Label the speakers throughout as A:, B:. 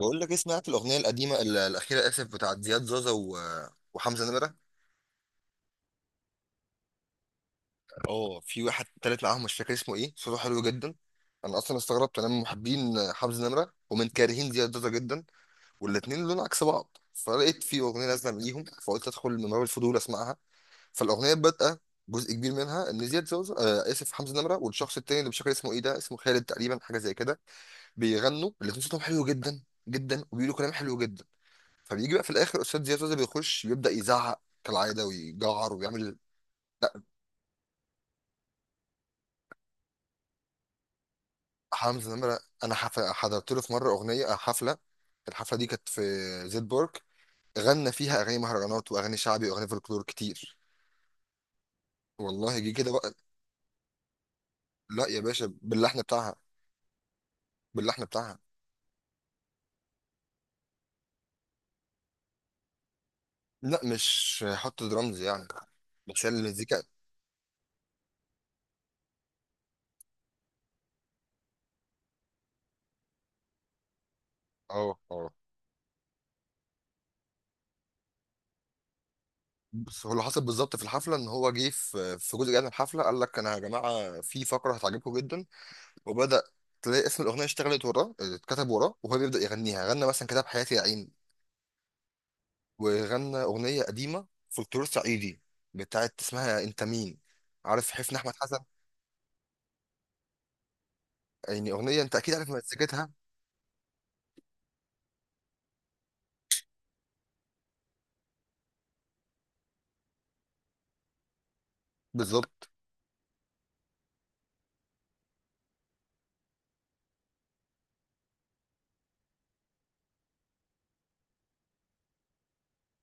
A: بقول لك إيه، سمعت الاغنيه القديمه الاخيره، اسف، بتاعت زياد زازا وحمزه نمره. اه، في واحد تالت معاهم، مش فاكر اسمه ايه، صوته حلو جدا. انا اصلا استغربت، انا من محبين حمزه نمره ومن كارهين زياد زازا جدا، والاتنين لون عكس بعض، فلقيت في اغنيه نازله ليهم فقلت ادخل من باب الفضول اسمعها. فالاغنيه بادئه، جزء كبير منها ان زياد زازا اسف حمزه نمره والشخص التاني اللي مش فاكر اسمه ايه ده، اسمه خالد تقريبا، حاجه زي كده، بيغنوا الاتنين صوتهم حلو جدا جدا، وبيقولوا كلام حلو جدا. فبيجي بقى في الاخر استاذ زياد زوزة بيخش يبدا يزعق كالعاده ويجعر ويعمل. لا، حمزه نمره انا حضرت له في مره اغنيه، حفله. الحفله دي كانت في زيتبورg، غنى فيها اغاني مهرجانات واغاني شعبي واغاني فولكلور كتير. والله جه كده بقى. لا يا باشا، باللحن بتاعها، باللحن بتاعها. لا، مش حط درامز يعني، بس هي المزيكا. اه اه. بس هو اللي حصل بالظبط في الحفله ان هو جه في جزء جاي من الحفله قال لك انا يا جماعه في فقره هتعجبكم جدا، وبدأ تلاقي اسم الأغنية اشتغلت وراه، اتكتب وراه وهو بيبدأ يغنيها، غنى مثلا كتاب حياتي يا عين، وغنى أغنية قديمة فولكلور صعيدي بتاعت اسمها أنت مين، عارف، حفني أحمد حسن. يعني أغنية أنت أكيد عارف مزيكتها. بالظبط.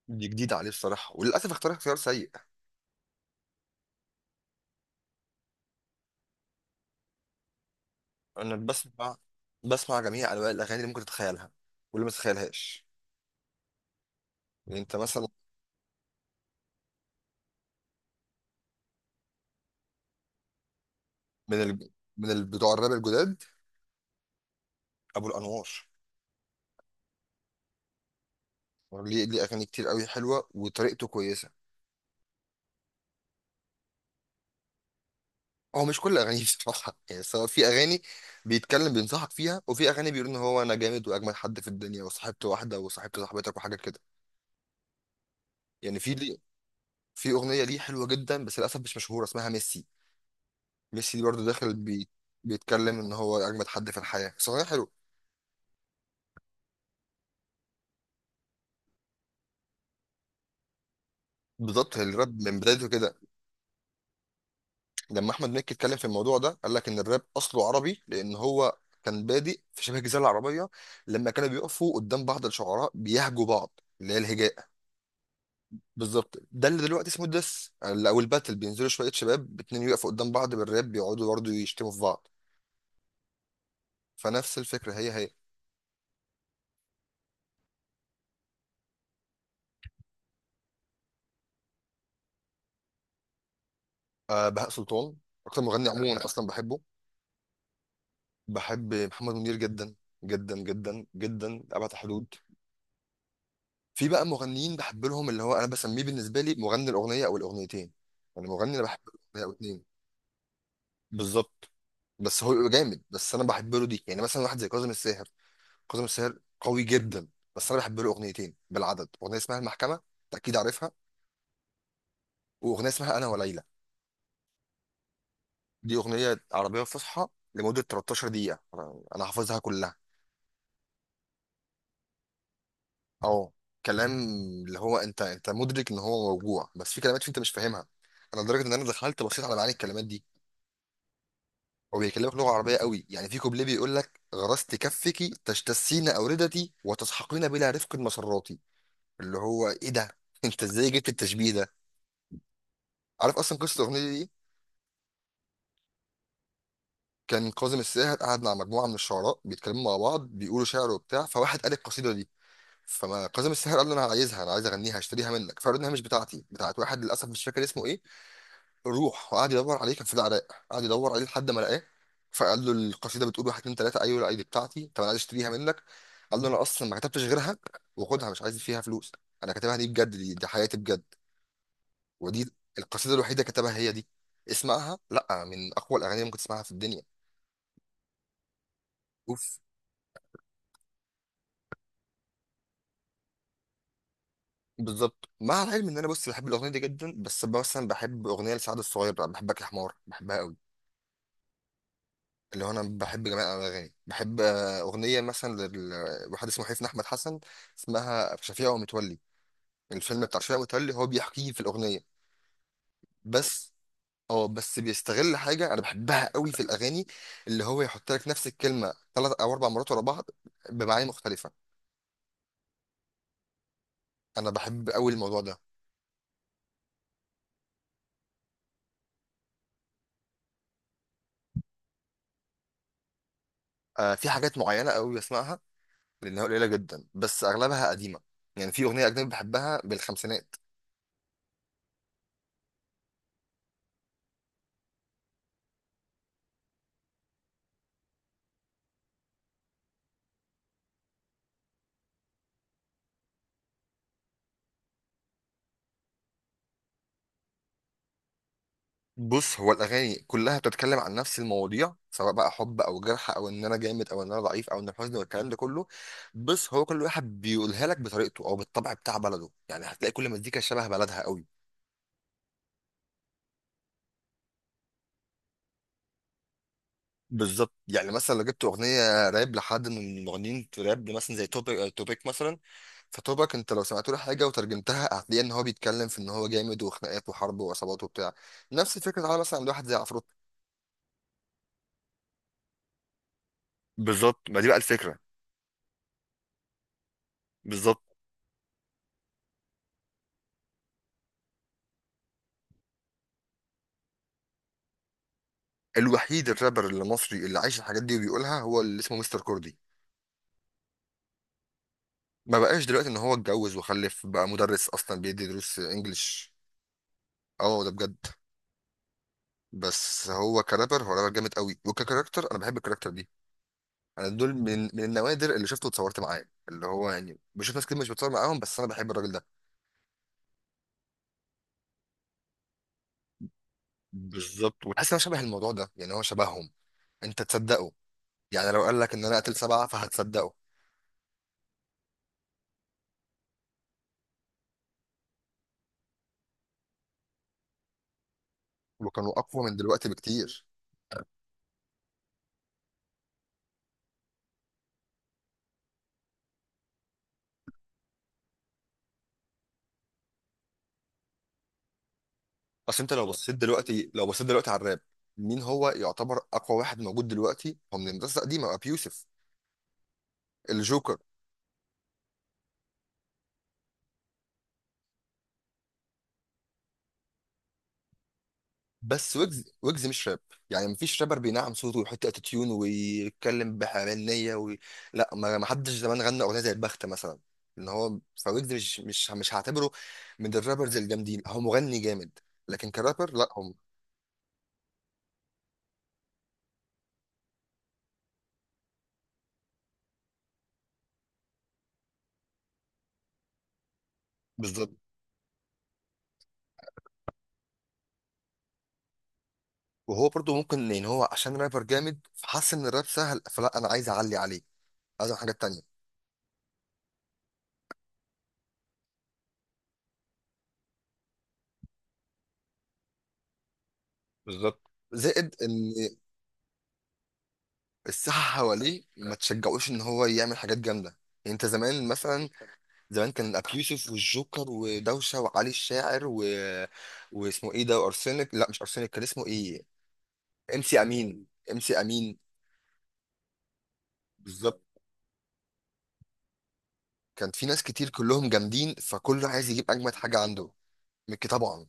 A: دي جديدة عليه الصراحة، وللأسف اختار اختيار سيء. أنا بسمع، بسمع جميع أنواع الأغاني اللي ممكن تتخيلها واللي ما تتخيلهاش. يعني أنت مثلا من ال... بتوع الراب الجداد أبو الأنوار. ليه ليه أغاني كتير قوي حلوة وطريقته كويسة. هو مش كل اغانيه بصراحه، يعني سواء في اغاني بيتكلم بينصحك فيها، وفي اغاني بيقول ان هو انا جامد واجمل حد في الدنيا وصاحبت واحده وصاحبت صاحبتك وحاجه كده. يعني في ليه في اغنيه ليه حلوه جدا بس للاسف مش مشهوره اسمها ميسي. ميسي دي برضه داخل بي، بيتكلم ان هو اجمد حد في الحياه بس اغنيه حلوه. بالظبط، الراب من بدايته كده. لما احمد مكي اتكلم في الموضوع ده قال لك ان الراب اصله عربي، لان هو كان بادئ في شبه الجزيره العربيه لما كانوا بيقفوا قدام بعض الشعراء بيهجوا بعض، اللي هي الهجاء. بالظبط، ده اللي دلوقتي اسمه الدس او الباتل، بينزلوا شويه شباب اتنين يقفوا قدام بعض بالراب بيقعدوا برضه يشتموا في بعض. فنفس الفكره هي هي. أه، بهاء سلطان اكتر مغني عموما انا اصلا بحبه. بحب محمد منير جدا جدا جدا جدا لأبعد حدود. في بقى مغنيين بحب لهم اللي هو انا بسميه بالنسبه لي مغني الاغنيه او الاغنيتين، يعني مغني انا بحب له اغنيه او اتنين. بالظبط. بس هو بيبقى جامد بس انا بحب له دي، يعني مثلا واحد زي كاظم الساهر. كاظم الساهر قوي جدا، بس انا بحب له اغنيتين بالعدد، اغنيه اسمها المحكمه انت اكيد عارفها، واغنيه اسمها انا وليلى. دي اغنيه عربيه فصحى لمده 13 دقيقه، انا حافظها كلها. اه، كلام اللي هو انت، انت مدرك ان هو موجوع، بس في كلمات فيه انت مش فاهمها. انا لدرجه ان انا دخلت بصيت على معاني الكلمات دي. هو بيكلمك لغه عربيه قوي، يعني في كوبليه بيقول لك غرست كفك تجتثين اوردتي وتسحقين بلا رفق مسراتي. اللي هو ايه ده انت ازاي جبت التشبيه ده؟ عارف اصلا قصه الاغنيه دي إيه؟ كان كاظم الساهر قاعد مع مجموعه من الشعراء بيتكلموا مع بعض بيقولوا شعر وبتاع، فواحد قال القصيده دي. فما كاظم الساهر قال له انا عايزها، انا عايز اغنيها هشتريها منك، فقال له انها مش بتاعتي، بتاعت واحد للاسف مش فاكر اسمه ايه. روح وقعد يدور عليه، كان في العراق، قعد يدور عليه لحد ما لقاه، فقال له القصيده بتقول واحد اتنين تلاته، ايوه لا دي بتاعتي، طب انا عايز اشتريها منك. قال له انا اصلا ما كتبتش غيرها، وخدها مش عايز فيها فلوس، انا كاتبها دي بجد، دي، دي حياتي بجد. ودي القصيده الوحيده كتبها هي دي. اسمعها، لا من اقوى الاغاني اللي ممكن تسمعها في الدنيا. شوف، بالظبط. مع العلم ان انا، بص، بحب الاغنيه دي جدا، بس مثلا بحب اغنيه لسعد الصغير بقى بحبك يا حمار، بحبها قوي. اللي هو انا بحب جميع الاغاني، بحب اغنيه مثلا لواحد اسمه حسين احمد حسن اسمها شفيع ومتولي. الفيلم بتاع شفيع ومتولي هو بيحكيه في الاغنيه. بس اه، بس بيستغل حاجه انا بحبها قوي في الاغاني، اللي هو يحط لك نفس الكلمه ثلاث او اربع مرات ورا بعض بمعاني مختلفه. انا بحب قوي الموضوع ده. في حاجات معينه قوي بسمعها، لانها قليله جدا بس اغلبها قديمه. يعني في اغنيه اجنبي بحبها بالخمسينات. بص، هو الاغاني كلها بتتكلم عن نفس المواضيع، سواء بقى حب او جرح او ان انا جامد او ان انا ضعيف او ان الحزن والكلام ده كله، بس هو كل واحد بيقولها لك بطريقته او بالطبع بتاع بلده، يعني هتلاقي كل مزيكا شبه بلدها قوي. بالظبط، يعني مثلا لو جبت اغنيه راب لحد من المغنيين في راب مثلا زي توبيك، توبيك مثلا، فتوبيك انت لو سمعت له حاجه وترجمتها هتلاقي ان هو بيتكلم في ان هو جامد وخناقات وحرب وعصابات وبتاع. نفس الفكره على مثلا عند واحد زي عفروتو. بالظبط، ما دي بقى الفكره. بالظبط. الوحيد الرابر المصري اللي عايش الحاجات دي وبيقولها هو اللي اسمه مستر كوردي. ما بقاش دلوقتي، ان هو اتجوز وخلف بقى، مدرس اصلا بيدي دروس انجلش. اه، ده بجد. بس هو كرابر، هو رابر جامد قوي، وككاركتر انا بحب الكاركتر دي. انا دول من النوادر اللي شفته واتصورت معاه، اللي هو يعني بشوف ناس كتير مش بتصور معاهم، بس انا بحب الراجل ده. بالظبط، وحاسس ان هو شبه الموضوع ده، يعني هو شبههم. انت تصدقه، يعني لو قال لك ان انا قتل سبعه فهتصدقه. وكانوا اقوى من دلوقتي بكتير. اصل انت لو بصيت دلوقتي، لو بصيت دلوقتي على الراب، مين هو يعتبر اقوى واحد موجود دلوقتي؟ هو من الناس القديمه، ابي يوسف، الجوكر. بس ويجز، ويجز مش راب، يعني مفيش رابر بينعم صوته ويحط اتيتيون ويتكلم بحنيه لا، ما حدش زمان غنى اغنيه زي البخت مثلا ان هو. فويجز مش هعتبره من الرابرز الجامدين، هو مغني جامد لكن كرابر لا هم. بالظبط. وهو برضه ممكن ان هو عشان رابر جامد فحس ان الراب سهل، فلا انا عايز اعلي عليه، عايز أعمل حاجات تانية. بالظبط، زائد ان الساحه حواليه ما تشجعوش ان هو يعمل حاجات جامده. يعني انت زمان مثلا، زمان كان ابي يوسف والجوكر ودوشه وعلي الشاعر واسمه ايه ده، وارسنك، لا مش ارسنك، كان اسمه ايه، ام سي امين. ام سي امين. بالظبط. كان في ناس كتير كلهم جامدين، فكله عايز يجيب اجمد حاجه عنده. مكي طبعا.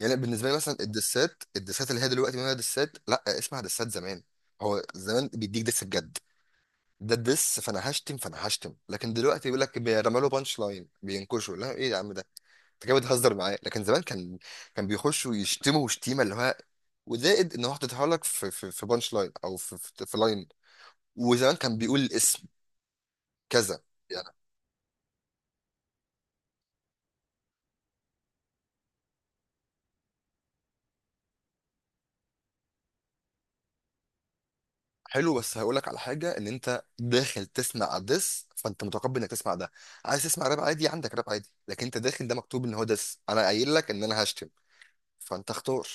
A: يعني بالنسبه لي مثلا الدسات، الدسات اللي هي دلوقتي ما هي دسات، لا اسمها دسات زمان. هو زمان بيديك دس بجد، ده الدس، فانا هشتم، فانا هشتم. لكن دلوقتي بيقول لك بيرمى له بانش لاين بينكشوا، لا ايه يا عم ده، انت كده بتهزر معايا. لكن زمان كان، كان بيخشوا يشتموا شتيمه اللي هو، وزائد ان هو حاططها لك في في بانش لاين او في في لاين. وزمان كان بيقول الاسم كذا. يعني حلو، بس هقول لك على حاجه، ان انت داخل تسمع دس فانت متقبل انك تسمع ده. عايز تسمع راب عادي عندك راب عادي، لكن انت داخل ده مكتوب ان هو دس، انا قايل لك ان انا هشتم، فانت اختار.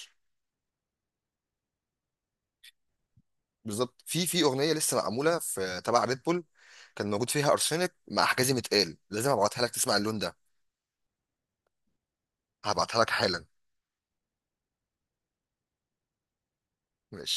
A: بالظبط. في اغنيه لسه معموله في تبع ريد بول، كان موجود فيها ارسنك مع حجازي متقال، لازم ابعتها لك تسمع اللون ده. هبعتها لك حالا. ماشي.